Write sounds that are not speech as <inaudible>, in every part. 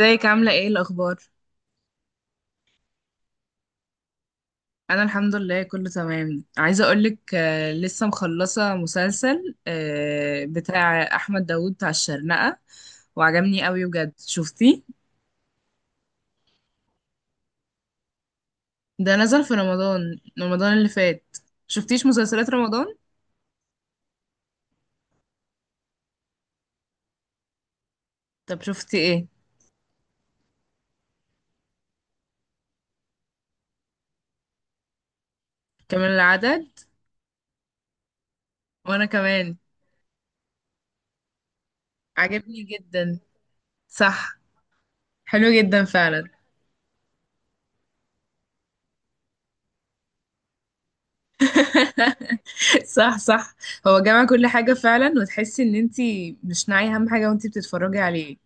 ازيك عاملة ايه الأخبار؟ أنا الحمد لله كله تمام عايزة أقولك لسه مخلصة مسلسل بتاع أحمد داوود بتاع الشرنقة وعجبني قوي بجد شفتيه؟ ده نزل في رمضان اللي فات. شفتيش مسلسلات رمضان؟ طب شفتي ايه؟ كمان العدد. وأنا كمان. عجبني جدا. صح. حلو جدا فعلا. <laughs> صح صح. هو جمع كل حاجة فعلا وتحسي ان انتي مش ناعية أهم حاجة وانتي بتتفرجي عليه.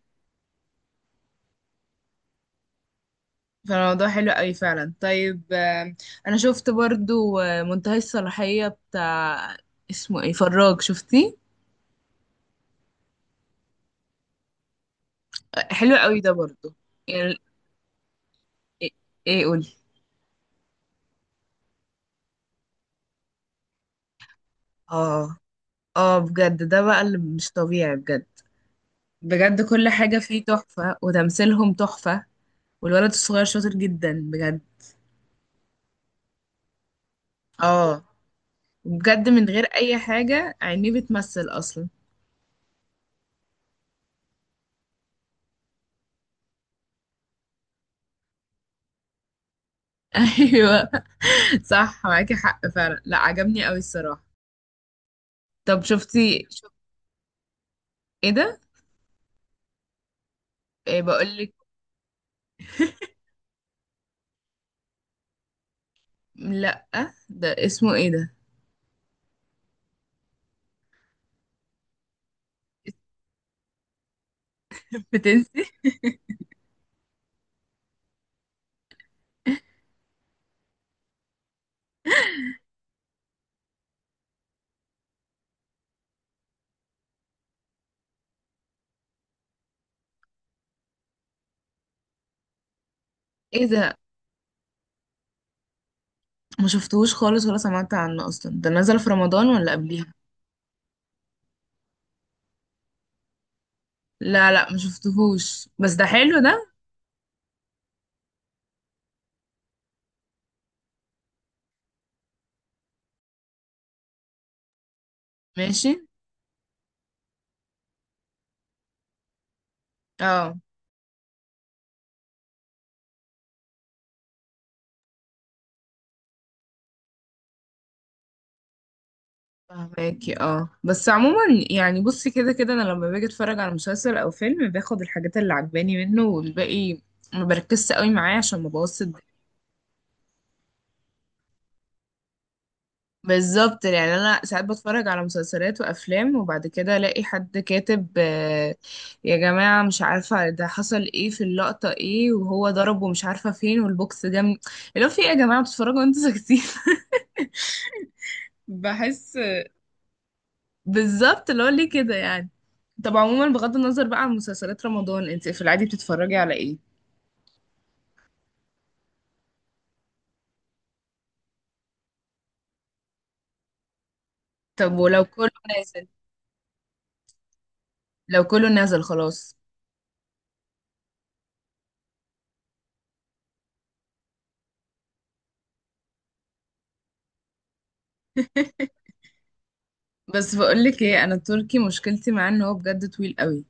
فالموضوع حلو قوي فعلا. طيب انا شفت برضو منتهي الصلاحية بتاع اسمه ايه فراج شفتيه؟ حلو قوي ده برضو. يعني. ايه. إيه قولي. اه. اه بجد ده بقى اللي مش طبيعي بجد. بجد كل حاجة فيه تحفة وتمثيلهم تحفة. والولد الصغير شاطر جدا بجد. اه بجد من غير اي حاجة عينيه بتمثل اصلا. <laughs> ايوه. صح معاكي حق فعلا. لا عجبني قوي الصراحة. طب شفتي ايه ده. إيه بقولك. <laughs> لأ. ده اسمه ايه ده. بتنسي. ايه ده. ما شفتهوش خالص ولا سمعت عنه اصلا، ده نزل في رمضان ولا قبليها؟ لا لا ما شفتهوش بس ده حلو ده. ماشي. اه فهماكي. اه بس عموما يعني بصي كده كده، انا لما باجي اتفرج على مسلسل او فيلم باخد الحاجات اللي عجباني منه والباقي ما بركزش قوي معاه عشان ما بوظش. بالظبط. يعني انا ساعات بتفرج على مسلسلات وافلام وبعد كده الاقي حد كاتب، يا جماعه مش عارفه ده حصل ايه في اللقطه، ايه وهو ضربه مش عارفه فين والبوكس جه اللي هو في ايه يا جماعه بتتفرجوا وانتوا ساكتين. <laughs> بحس. بالظبط اللي هو ليه كده يعني. طب عموما بغض النظر بقى عن مسلسلات رمضان، انت في العادي بتتفرجي على ايه؟ طب ولو كله نازل. لو كله نازل خلاص. <laughs> بس بقولك ايه، انا التركي مشكلتي معاه ان هو بجد طويل قوي.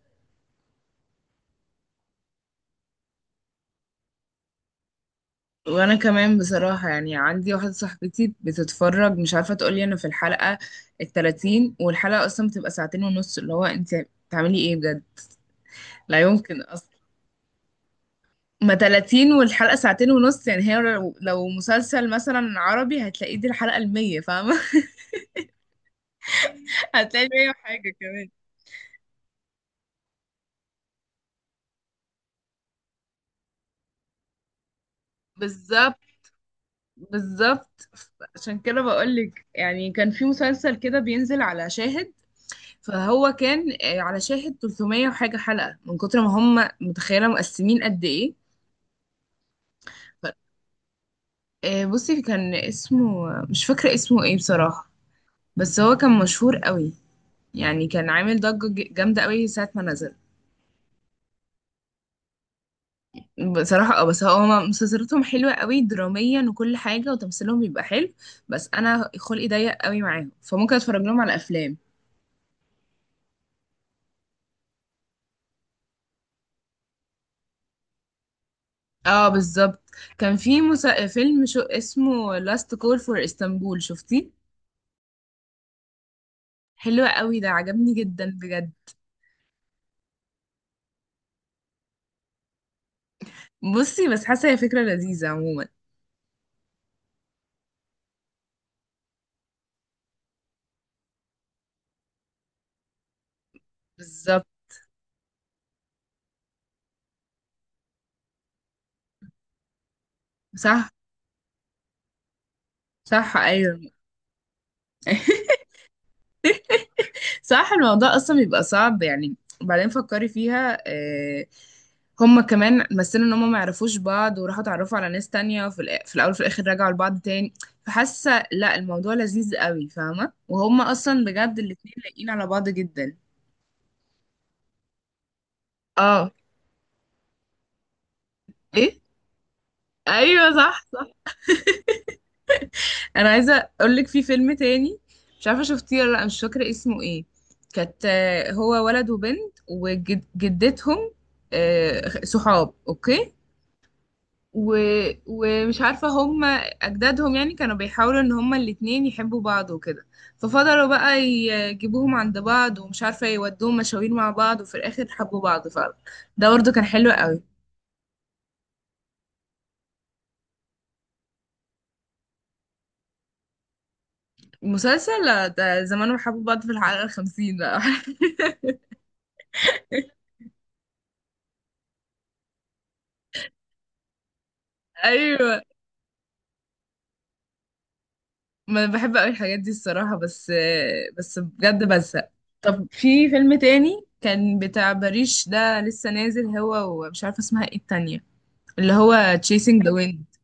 وانا كمان بصراحة، يعني عندي واحدة صاحبتي بتتفرج مش عارفة تقولي انا في الحلقة التلاتين والحلقة اصلا بتبقى ساعتين ونص، اللي هو انت بتعملي ايه بجد. لا يمكن اصلا. ما تلاتين والحلقة ساعتين ونص، يعني هي لو مسلسل مثلا عربي هتلاقيه دي الحلقة المية، فاهمة؟ <laughs> هتلاقي مية وحاجة كمان. بالظبط. بالظبط. عشان كده بقولك يعني كان في مسلسل كده بينزل على شاهد، فهو كان على شاهد 300 وحاجة حلقة من كتر ما هم، متخيلة مقسمين قد ايه. ف- بصي كان اسمه مش فاكرة اسمه ايه بصراحة، بس هو كان مشهور قوي. يعني كان عامل ضجة جامدة قوي ساعة ما نزل بصراحة. اه بس هو هما مسلسلاتهم حلوة قوي دراميا وكل حاجة وتمثيلهم بيبقى حلو، بس انا خلقي ضيق قوي معاهم فممكن اتفرج لهم على افلام. اه بالظبط. كان في فيلم شو اسمه Last Call for Istanbul، شفتيه؟ حلو قوي ده عجبني جدا بجد. بصي بس حاسه هي فكره لذيذه عموما. بالظبط. صح. صح. ايوه. <laughs> صح. الموضوع اصلا بيبقى صعب يعني. وبعدين فكري فيها، هما كمان مثلوا ان هما ما يعرفوش بعض وراحوا اتعرفوا على ناس تانية، وفي في الاول وفي الاخر رجعوا لبعض تاني. فحاسه لا الموضوع لذيذ قوي، فاهمه؟ وهما اصلا بجد الاتنين لايقين على بعض جدا. اه. ايه. ايوه صح. انا عايزه اقول لك في فيلم تاني مش عارفه شفتيه ولا لا، مش فاكره اسمه ايه. كانت، هو ولد وبنت وجدتهم صحاب، اوكي. و... ومش عارفه هم اجدادهم يعني كانوا بيحاولوا ان هم الاتنين يحبوا بعض وكده. ففضلوا بقى يجيبوهم عند بعض ومش عارفه يودوهم مشاوير مع بعض، وفي الاخر حبوا بعض فعلا. ده برضه كان حلو قوي. مسلسل لا، ده زمانهم حبوا بعض في الحلقه الخمسين بقى. <laughs> ايوه. ما انا بحب قوي الحاجات دي الصراحة بس. بس بجد بزهق. طب في فيلم تاني كان بتاع باريش، ده لسه نازل هو ومش عارفة اسمها ايه التانية، اللي هو Chasing the Wind.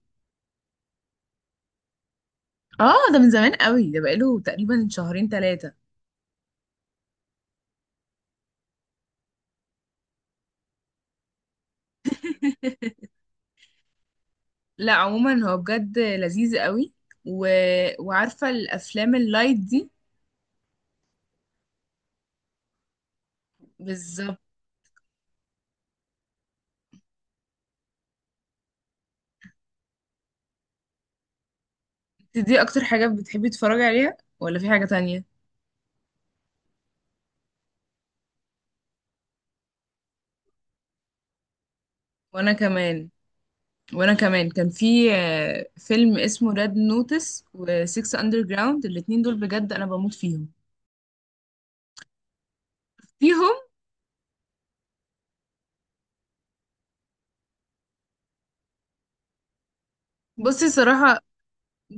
اه ده من زمان قوي، ده بقاله تقريبا شهرين ثلاثة. <laughs> لا عموما هو بجد لذيذ قوي. و... وعارفة الافلام اللايت دي. بالظبط. دي اكتر حاجة بتحبي تتفرجي عليها ولا في حاجة تانية؟ وانا كمان. كان في فيلم اسمه ريد نوتس وسيكس اندر جراوند، الاتنين دول بجد انا بموت فيهم. فيهم بصي صراحة.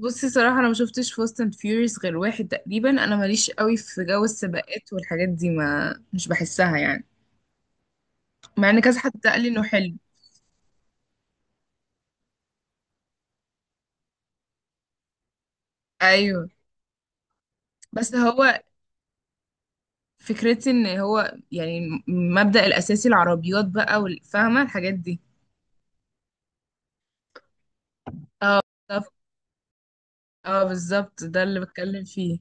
انا ما شفتش فاست اند فيوريوس غير واحد تقريبا، انا ماليش قوي في جو السباقات والحاجات دي، ما مش بحسها يعني. مع ان كذا حد قال لي انه حلو. ايوه بس هو فكرتي ان هو يعني مبدأ الاساسي العربيات بقى والفاهمة الحاجات دي. طب. اه بالظبط ده اللي بتكلم فيه.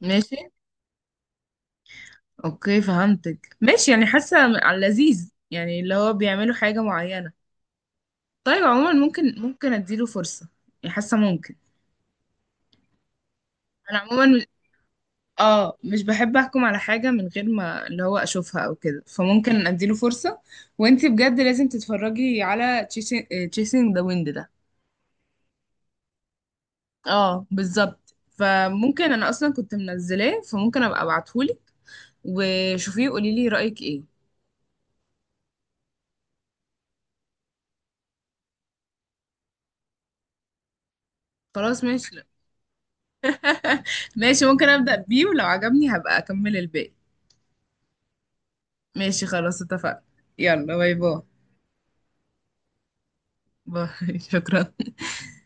ماشي. اوكي فهمتك ماشي، يعني حاسه على اللذيذ يعني اللي هو بيعملوا حاجه معينه. طيب عموما ممكن اديله فرصه. يعني حاسه ممكن. انا عموما اه مش بحب احكم على حاجه من غير ما اللي هو اشوفها او كده، فممكن اديله فرصه. وانتي بجد لازم تتفرجي على تشيسنج ذا ويند ده. اه بالظبط. فممكن انا اصلا كنت منزلاه، فممكن ابقى ابعتهولك وشوفيه وقولي لي رايك ايه. خلاص ماشي. لا. ماشي ممكن ابدا بيه ولو عجبني هبقى اكمل الباقي. ماشي خلاص اتفقنا. يلا باي باي. باي. <laughs> شكرا.